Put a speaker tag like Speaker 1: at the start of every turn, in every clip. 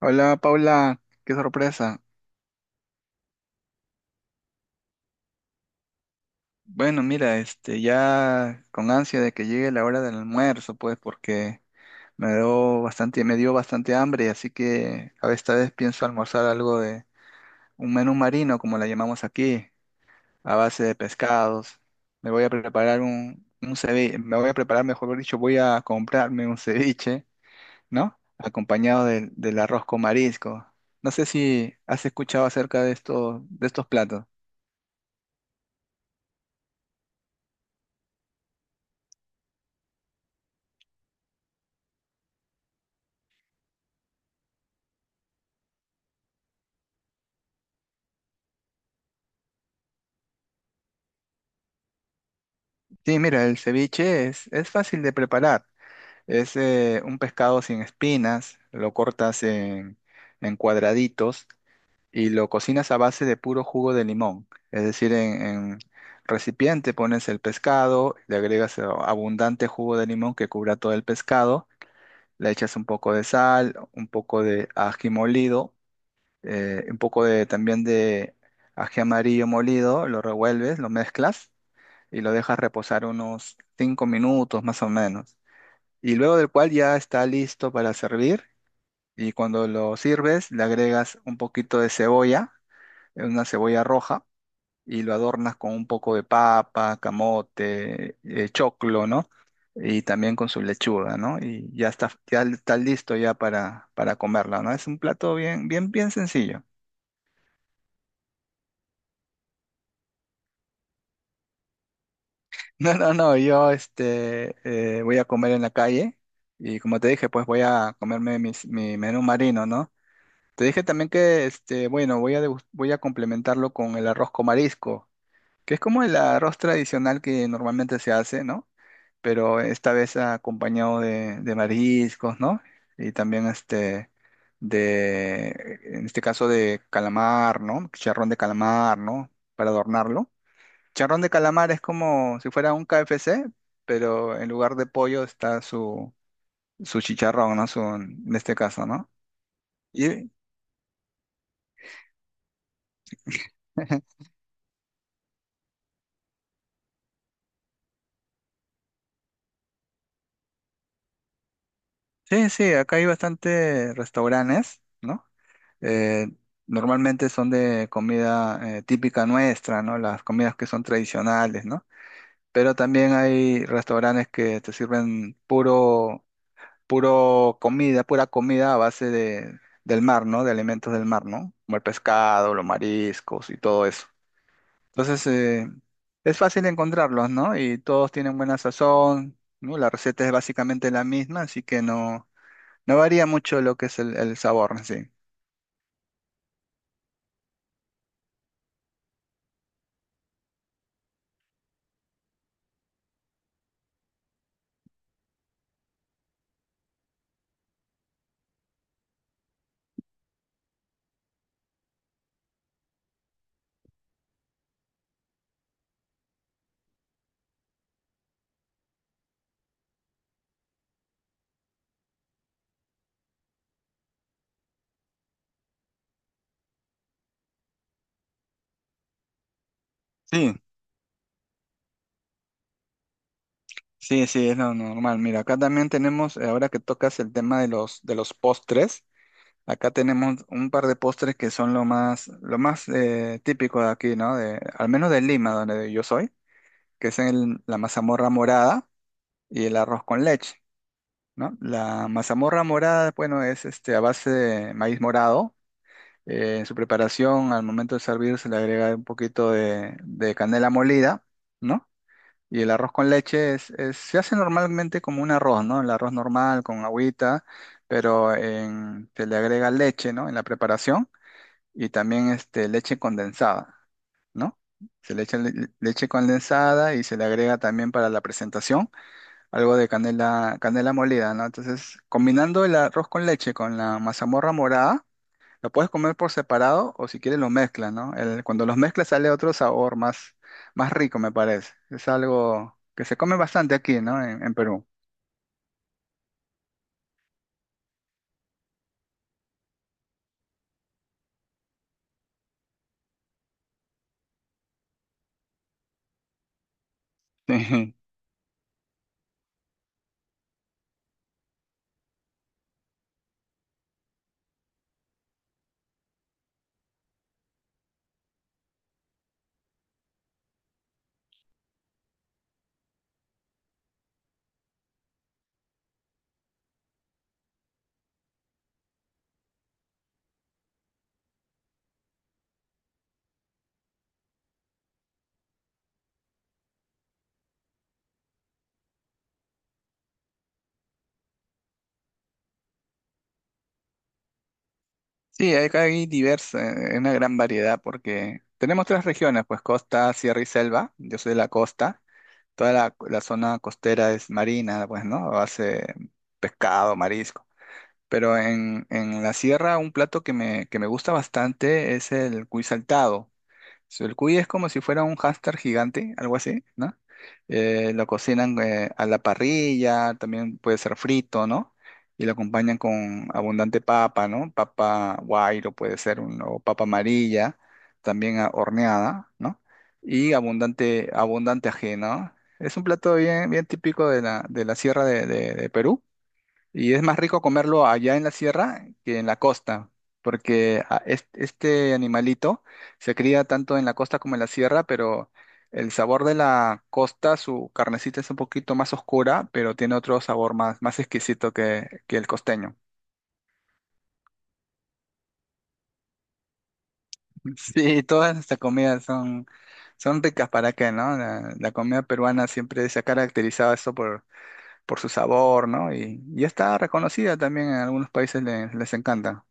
Speaker 1: Hola Paula, qué sorpresa. Bueno, mira, ya con ansia de que llegue la hora del almuerzo, pues, porque me dio bastante hambre, así que a esta vez pienso almorzar algo de un menú marino, como la llamamos aquí, a base de pescados. Me voy a preparar un ceviche, me voy a preparar, mejor dicho, voy a comprarme un ceviche, ¿no? Acompañado del arroz con marisco. No sé si has escuchado acerca de estos platos. Sí, mira, el ceviche es fácil de preparar. Es un pescado sin espinas, lo cortas en cuadraditos y lo cocinas a base de puro jugo de limón. Es decir, en recipiente pones el pescado, le agregas abundante jugo de limón que cubra todo el pescado, le echas un poco de sal, un poco de ají molido, también de ají amarillo molido, lo revuelves, lo mezclas y lo dejas reposar unos 5 minutos más o menos. Y luego del cual ya está listo para servir, y cuando lo sirves le agregas un poquito de cebolla, una cebolla roja y lo adornas con un poco de papa, camote, choclo, ¿no? Y también con su lechuga, ¿no? Y ya está listo ya para comerla, ¿no? Es un plato bien, bien, bien sencillo. No, no, no, yo voy a comer en la calle y como te dije, pues voy a comerme mi menú marino, ¿no? Te dije también que, bueno, voy a complementarlo con el arroz con marisco, que es como el arroz tradicional que normalmente se hace, ¿no? Pero esta vez acompañado de mariscos, ¿no? Y también de, en este caso de calamar, ¿no? Chicharrón de calamar, ¿no? Para adornarlo. Charrón de calamar es como si fuera un KFC, pero en lugar de pollo está su chicharrón, ¿no? Su, en este caso, ¿no? Y, sí, sí, acá hay bastantes restaurantes, ¿no? Eh, normalmente son de comida típica nuestra, ¿no? Las comidas que son tradicionales, ¿no? Pero también hay restaurantes que te sirven pura comida a base de, del mar, ¿no? De alimentos del mar, ¿no? Como el pescado, los mariscos y todo eso. Entonces, es fácil encontrarlos, ¿no? Y todos tienen buena sazón, ¿no? La receta es básicamente la misma, así que no varía mucho lo que es el sabor en sí. Sí, sí, sí, es lo normal. Mira, acá también tenemos, ahora que tocas el tema de los postres, acá tenemos un par de postres que son lo más típico de aquí, ¿no? De, al menos de Lima, donde yo soy, que es la mazamorra morada y el arroz con leche, ¿no? La mazamorra morada, bueno, es a base de maíz morado. En su preparación, al momento de servir, se le agrega un poquito de canela molida, ¿no? Y el arroz con leche se hace normalmente como un arroz, ¿no? El arroz normal con agüita, pero se le agrega leche, ¿no? En la preparación y también leche condensada, ¿no? Se le echa leche condensada y se le agrega también para la presentación algo de canela, canela molida, ¿no? Entonces, combinando el arroz con leche con la mazamorra morada, lo puedes comer por separado o si quieres lo mezclas, ¿no? Cuando los mezclas sale otro sabor más, más rico, me parece. Es algo que se come bastante aquí, ¿no? En Perú. Sí, sí, una gran variedad porque tenemos tres regiones, pues costa, sierra y selva. Yo soy de la costa. Toda la zona costera es marina, pues, ¿no? Hace pescado, marisco. Pero en la sierra un plato que me gusta bastante es el cuy saltado. El cuy es como si fuera un hámster gigante, algo así, ¿no? Lo cocinan a la parrilla, también puede ser frito, ¿no? Y lo acompañan con abundante papa, ¿no? Papa guairo puede ser, o papa amarilla, también horneada, ¿no? Y abundante, abundante ají, ¿no? Es un plato bien, bien típico de la sierra de Perú, y es más rico comerlo allá en la sierra que en la costa, porque este animalito se cría tanto en la costa como en la sierra, pero el sabor de la costa, su carnecita es un poquito más oscura, pero tiene otro sabor más, más exquisito que el costeño. Sí, todas nuestras comidas son ricas para qué, ¿no? La comida peruana siempre se ha caracterizado eso por su sabor, ¿no? Y está reconocida también en algunos países, les encanta.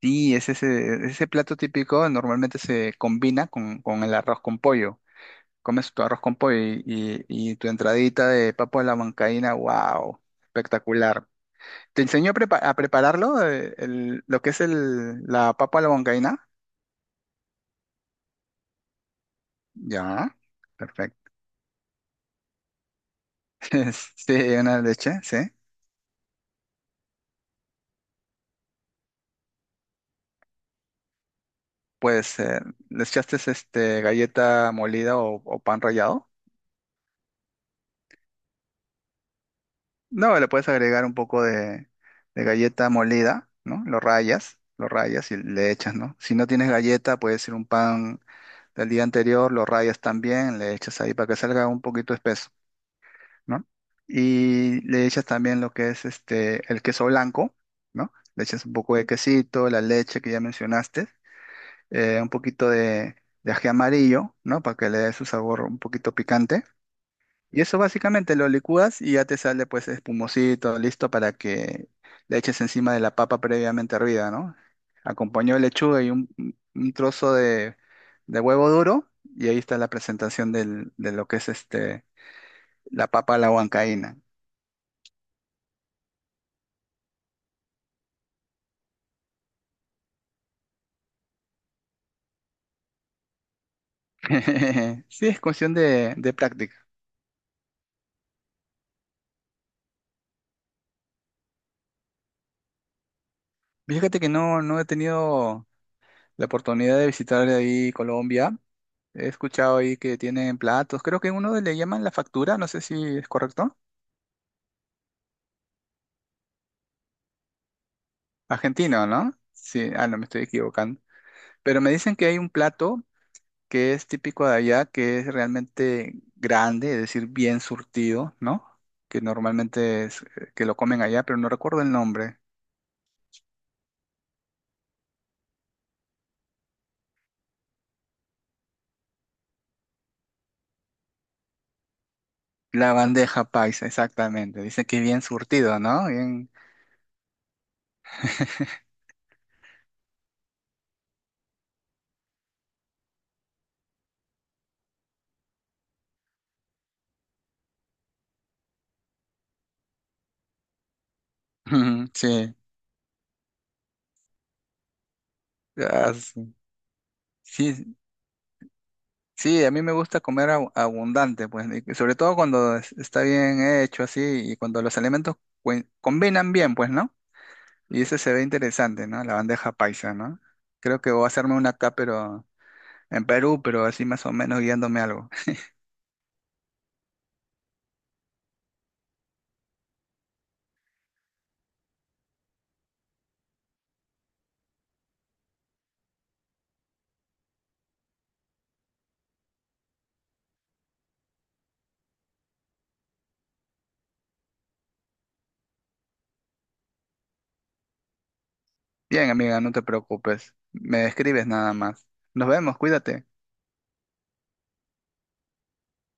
Speaker 1: Sí, es ese plato típico, normalmente se combina con el arroz con pollo. Comes tu arroz con pollo y tu entradita de papa a la huancaína, wow, espectacular. ¿Te enseñó a prepararlo, lo que es la papa a la huancaína? Ya, perfecto. Sí, una leche, sí. Pues le echaste galleta molida o pan rallado. No, le puedes agregar un poco de galleta molida, ¿no? Lo rayas y le echas, ¿no? Si no tienes galleta, puede ser un pan del día anterior, lo rayas también, le echas ahí para que salga un poquito espeso, ¿no? Y le echas también lo que es el queso blanco, ¿no? Le echas un poco de quesito, la leche que ya mencionaste, un poquito de ají amarillo, ¿no? Para que le dé su sabor un poquito picante, y eso básicamente lo licúas y ya te sale pues espumosito, listo para que le eches encima de la papa previamente hervida, ¿no? Acompañó de lechuga y un trozo de huevo duro y ahí está la presentación de lo que es la papa a la huancaína. Sí, es cuestión de práctica. Fíjate que no he tenido la oportunidad de visitar ahí Colombia. He escuchado ahí que tienen platos. Creo que uno le llaman la factura, no sé si es correcto. Argentino, ¿no? Sí, ah, no, me estoy equivocando. Pero me dicen que hay un plato que es típico de allá, que es realmente grande, es decir, bien surtido, ¿no? Que normalmente es que lo comen allá, pero no recuerdo el nombre. La bandeja paisa, exactamente. Dicen que es bien surtido, ¿no? Bien... Ujú, sí. Ah, sí. Sí, sí, a mí me gusta comer abundante, pues, y sobre todo cuando está bien hecho así y cuando los alimentos combinan bien, pues, ¿no? Y ese se ve interesante, ¿no? La bandeja paisa, ¿no? Creo que voy a hacerme una acá, pero en Perú, pero así más o menos guiándome algo. Bien, amiga, no te preocupes. Me escribes nada más. Nos vemos, cuídate.